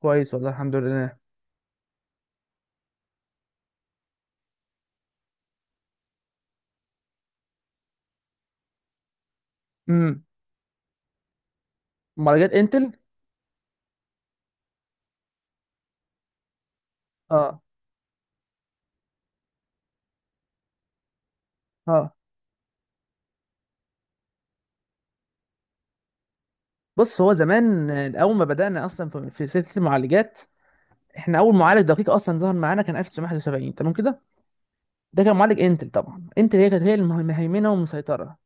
كويس والله الحمد لله. امم. معالجات انتل. اه. اه. بص، هو زمان، اول ما بدانا اصلا في سلسله المعالجات. احنا اول معالج دقيق اصلا ظهر معانا كان 1971. تمام كده. ده كان معالج انتل، طبعا انتل هي كانت هي المهيمنه والمسيطره.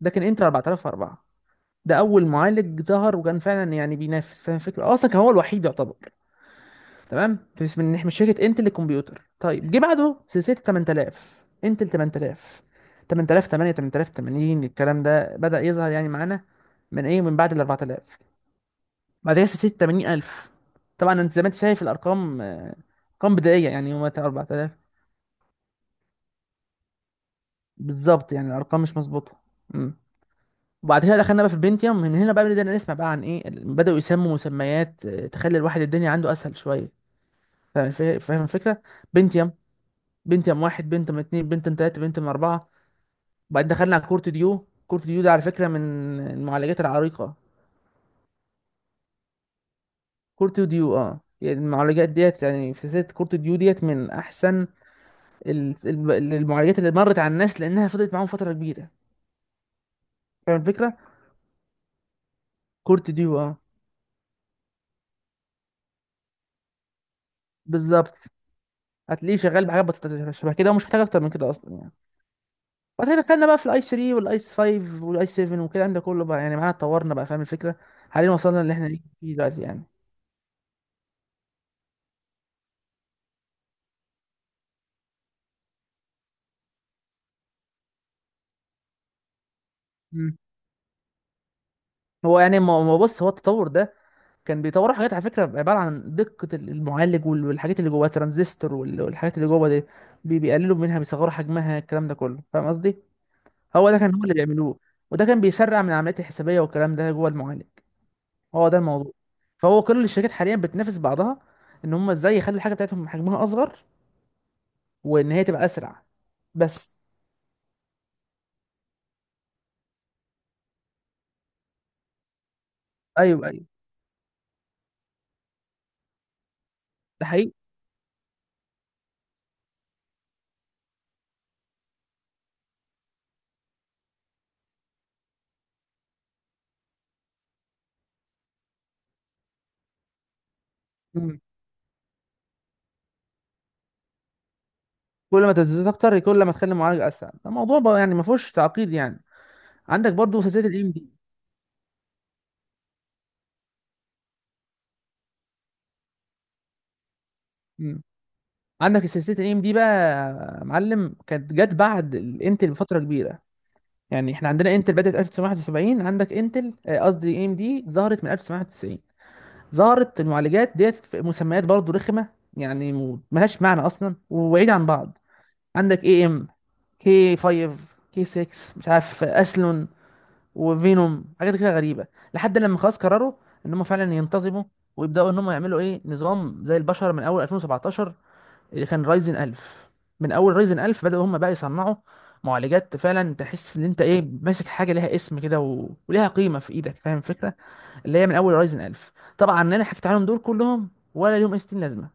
ده كان انتل 4004. ده اول معالج ظهر، وكان فعلا يعني بينافس، فاهم الفكره؟ اصلا كان هو الوحيد يعتبر. تمام، بس من شركه انتل للكمبيوتر. طيب، جه بعده سلسله 8000، انتل 8000، 8008، 8080، الكلام ده بدا يظهر يعني معانا من ايه، من بعد ال 4000. بعد كده سلسله 80000. طبعا انت زي ما انت شايف الارقام، ارقام بدائيه، يعني هو 4000. بالظبط، يعني الارقام مش مظبوطه. امم. وبعد كده دخلنا بقى في البنتيوم. من هنا بقى بدأنا نسمع بقى عن ايه، بدأوا يسموا مسميات تخلي الواحد الدنيا عنده اسهل شويه. فاهم الفكره؟ بنتيوم. بنتيوم واحد، بنتيوم اتنين، بنتيوم تلاته، بنتيوم اربعه. بعدين دخلنا على كورت ديو. كورت ديو ده على فكرة من المعالجات العريقة. كورت ديو، اه يعني المعالجات ديت، يعني في سلسلة كورت ديو ديت من أحسن المعالجات اللي مرت على الناس، لأنها فضلت معاهم فترة كبيرة. فاهم الفكرة؟ كورت ديو اه. بالظبط. هتلاقيه شغال بحاجات بسيطة شبه كده، ومش محتاج أكتر من كده أصلا يعني. بعد كده دخلنا بقى في الأي 3 والأي 5 والأي 7 وكده، ده كله بقى يعني معانا، اتطورنا بقى، فاهم الفكرة؟ حاليا وصلنا اللي احنا فيه دلوقتي يعني. مم. هو يعني ما بص، هو التطور ده كان بيطوروا حاجات، على فكره عباره عن دقه المعالج والحاجات اللي جواه ترانزستور والحاجات اللي جوه دي بيقللوا منها، بيصغروا حجمها، الكلام ده كله، فاهم قصدي؟ هو ده كان هو اللي بيعملوه. وده كان بيسرع من العمليات الحسابيه والكلام ده جوه المعالج. هو ده الموضوع. فهو كل الشركات حاليا بتنافس بعضها، ان هم ازاي يخلوا الحاجه بتاعتهم حجمها اصغر، وان هي تبقى اسرع. بس. ايوه، ايوه. ده حقيقي. مم. كل ما تزيد اكتر، كل ما تخلي المعالج اسرع. ده موضوع بقى يعني ما فيهوش تعقيد يعني. عندك برضو سلسله الام دي. عندك السلسله الايم دي بقى، يا معلم، كانت جت بعد الانتل بفتره كبيره. يعني احنا عندنا انتل بدات 1971، عندك انتل، قصدي ايم دي، ظهرت من 1991. ظهرت المعالجات ديت في مسميات برضه رخمه، يعني ملهاش معنى اصلا وبعيد عن بعض. عندك اي ام كي 5، كي 6، مش عارف اسلون، وفينوم، حاجات كده غريبه. لحد لما خلاص قرروا ان هم فعلا ينتظموا، ويبداوا ان هم يعملوا ايه نظام زي البشر من اول 2017، اللي كان رايزن 1000. من اول رايزن 1000 بدأوا هم بقى يصنعوا معالجات فعلا تحس ان انت ايه، ماسك حاجه ليها اسم كده و... وليها قيمه في ايدك، فاهم الفكره؟ اللي هي من اول رايزن 1000. طبعا انا حكيت عليهم دول كلهم، ولا ليهم اي 60 لازمه.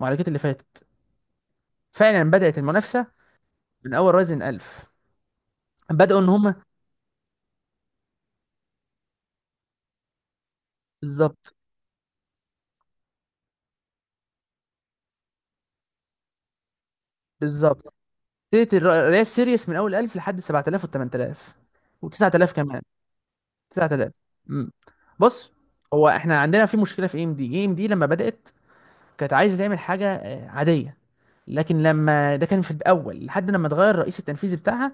المعالجات اللي فاتت، فعلا بدأت المنافسه من اول رايزن 1000. بدأوا ان هم بالظبط. بالظبط. اللي هي السيريس من اول 1000 لحد 7000 و8000 و9000 كمان. 9000. امم. بص، هو احنا عندنا في مشكله في اي ام دي. اي ام دي لما بدات كانت عايزه تعمل حاجه عاديه، لكن لما ده كان في الاول، لحد لما اتغير الرئيس التنفيذي بتاعها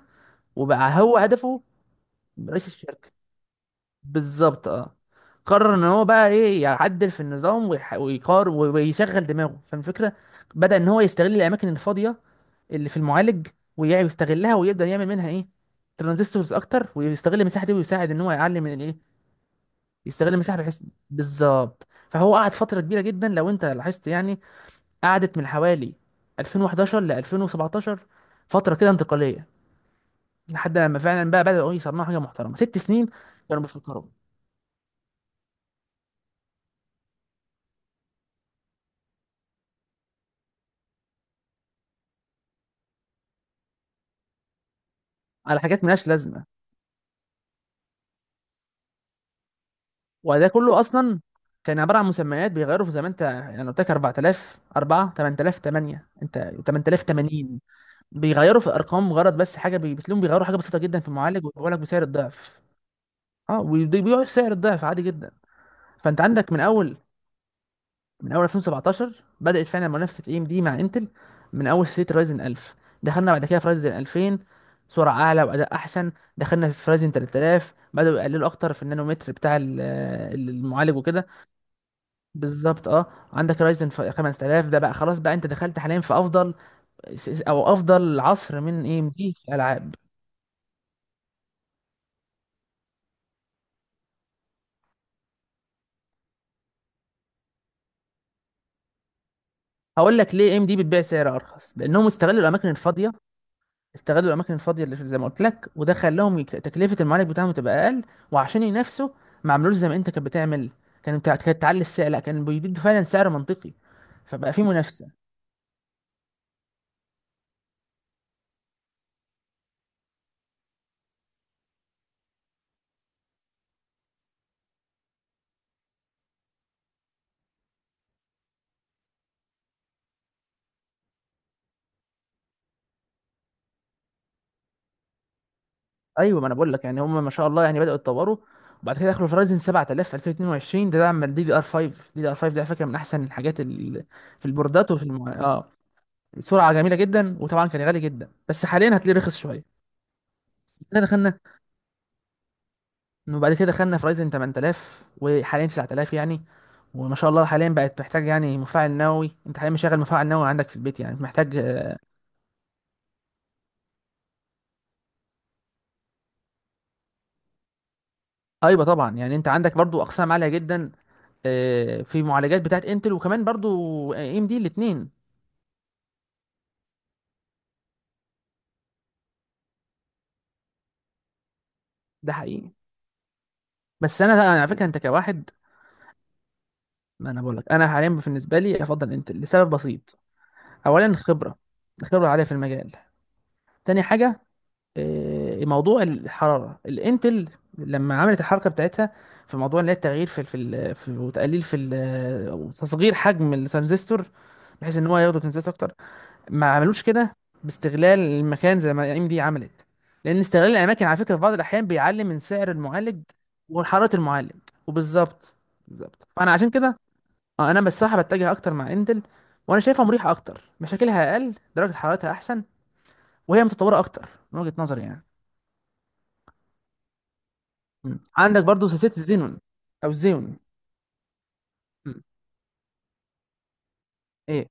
وبقى هو هدفه، رئيس الشركه، بالظبط اه. قرر ان هو بقى ايه، يعدل في النظام ويقار ويشغل دماغه، فاهم الفكره؟ بدأ ان هو يستغل الاماكن الفاضيه اللي في المعالج، ويستغلها ويبدأ يعمل منها ايه، ترانزستورز اكتر، ويستغل المساحه دي، ويساعد ان هو يعلم من الايه. يستغل المساحه بحيث بالظبط. فهو قعد فتره كبيره جدا لو انت لاحظت يعني، قعدت من حوالي 2011 ل 2017، فترة كده انتقالية، لحد لما فعلا بقى بدأوا يصنعوا حاجة محترمة. ست سنين كانوا بيفكروا على حاجات ملهاش لازمة. وده كله أصلا كان عبارة عن مسميات بيغيروا في، زي ما أنت يعني قلت لك 4000، 4، 8000، 8، أنت 8080، بيغيروا في الأرقام مجرد. بس حاجة بتلاقيهم بيغيروا حاجة بسيطة جدا في المعالج، ويبيعوا لك بسعر الضعف. أه، وبيبيعوا سعر الضعف عادي جدا. فأنت عندك من أول، من اول 2017 بدات فعلا منافسه اي ام دي مع انتل، من اول سلسله رايزن 1000. دخلنا بعد كده في رايزن 2000، سرعه اعلى واداء احسن. دخلنا في رايزن 3000، بداوا يقللوا اكتر في النانومتر بتاع المعالج وكده. بالظبط اه. عندك رايزن 5000، ده بقى خلاص بقى انت دخلت حاليا في افضل، او افضل عصر من اي ام دي في الالعاب. هقول لك ليه اي ام دي بتبيع سعر ارخص، لانهم استغلوا الاماكن الفاضيه. استغلوا الاماكن الفاضيه اللي زي ما قلت لك، وده خلاهم تكلفه المعالج بتاعهم تبقى اقل، وعشان ينافسوا ما عملوش زي ما انت كانت بتعمل. كان بتاع كانت تعلي السعر، لا، كان بيديك فعلا سعر منطقي، فبقى في منافسه. ايوه، ما انا بقول لك يعني هم ما شاء الله يعني بداوا يتطوروا. وبعد كده دخلوا فرايزن 7000 في 2022، ده دعم دي دي ار 5. دي دي ار 5 ده على فكره من احسن الحاجات في البوردات، وفي الم... اه سرعه جميله جدا، وطبعا كان غالي جدا، بس حاليا هتلاقيه رخص شويه. احنا دخلنا، وبعد كده دخلنا في رايزن 8000، وحاليا 9000 يعني. وما شاء الله حاليا بقت محتاج يعني مفاعل نووي، انت حاليا مشغل مفاعل نووي عندك في البيت يعني، محتاج ايوه طبعا. يعني انت عندك برضو اقسام عاليه جدا، في معالجات بتاعت انتل، وكمان برضو اي ام دي، الاثنين. ده حقيقي. بس انا على فكره انت كواحد، ما انا بقول لك، انا حاليا بالنسبه لي افضل انتل لسبب بسيط. اولا خبره، خبره عاليه في المجال. تاني حاجه، موضوع الحرارة. الانتل لما عملت الحركة بتاعتها في موضوع اللي هي التغيير في وتقليل في أو تصغير حجم الترانزستور، بحيث ان هو ياخدوا ترانزستور اكتر، ما عملوش كده باستغلال المكان زي ما ام دي عملت، لان استغلال الاماكن على فكرة في بعض الاحيان بيعلي من سعر المعالج وحرارة المعالج. وبالظبط بالظبط. فانا عشان كده انا بصراحة بتجه اكتر مع انتل، وانا شايفها مريحة اكتر، مشاكلها اقل، درجة حرارتها احسن، وهي متطورة اكتر من وجهة نظري يعني. مم. عندك برضو سلسله الزينون او زيون. مم. ايه.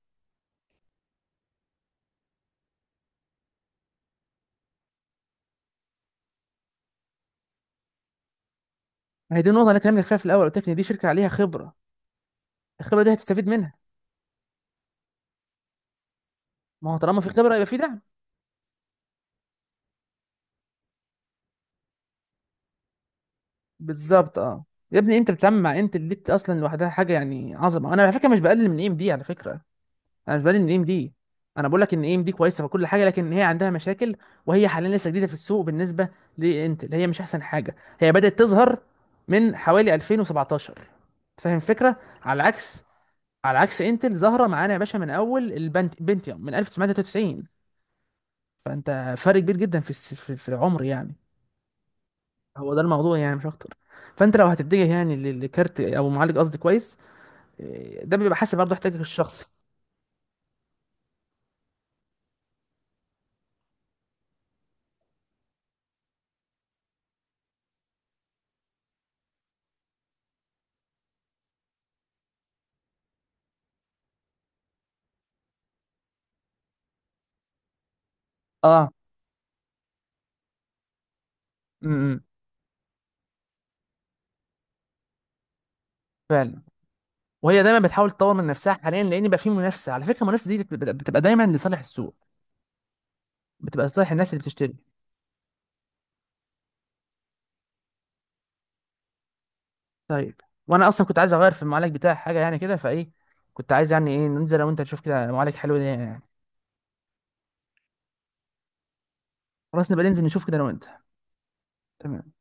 ما هي دي النقطه اللي أنا كلمتك فيها في الاول، قلت لك ان دي شركه عليها خبره. الخبره دي هتستفيد منها. ما هو طالما في خبره يبقى في دعم. بالظبط اه. يا ابني، انت بتتعامل مع انت اللي دي، اصلا لوحدها حاجه يعني عظمه. انا على فكره مش بقلل من اي ام دي، على فكره انا مش بقلل من اي ام دي، انا بقول لك ان اي ام دي كويسه وكل حاجه، لكن هي عندها مشاكل، وهي حاليا لسه جديده في السوق بالنسبه لانتل. هي مش احسن حاجه، هي بدات تظهر من حوالي 2017، أنت فاهم الفكره؟ على عكس، على عكس انتل ظاهره معانا يا باشا من اول بنتيوم من 1993. فانت فرق كبير جدا في في في العمر يعني. هو ده الموضوع يعني، مش اكتر. فانت لو هتتجه يعني لكارت او معالج قصدي كويس، إيه، ده بيبقى حسب برضه احتياجك الشخصي. اه. امم. فعلا. وهي دايما بتحاول تطور من نفسها، حاليا لان بقى في منافسه. على فكره المنافسه دي بتبقى دايما لصالح السوق، بتبقى لصالح الناس اللي بتشتري. طيب، وانا اصلا كنت عايز اغير في المعالج بتاعي حاجه يعني كده فايه. كنت عايز يعني ايه، ننزل لو انت تشوف كده معالج حلو ده يعني، خلاص نبقى ننزل نشوف كده لو انت. تمام.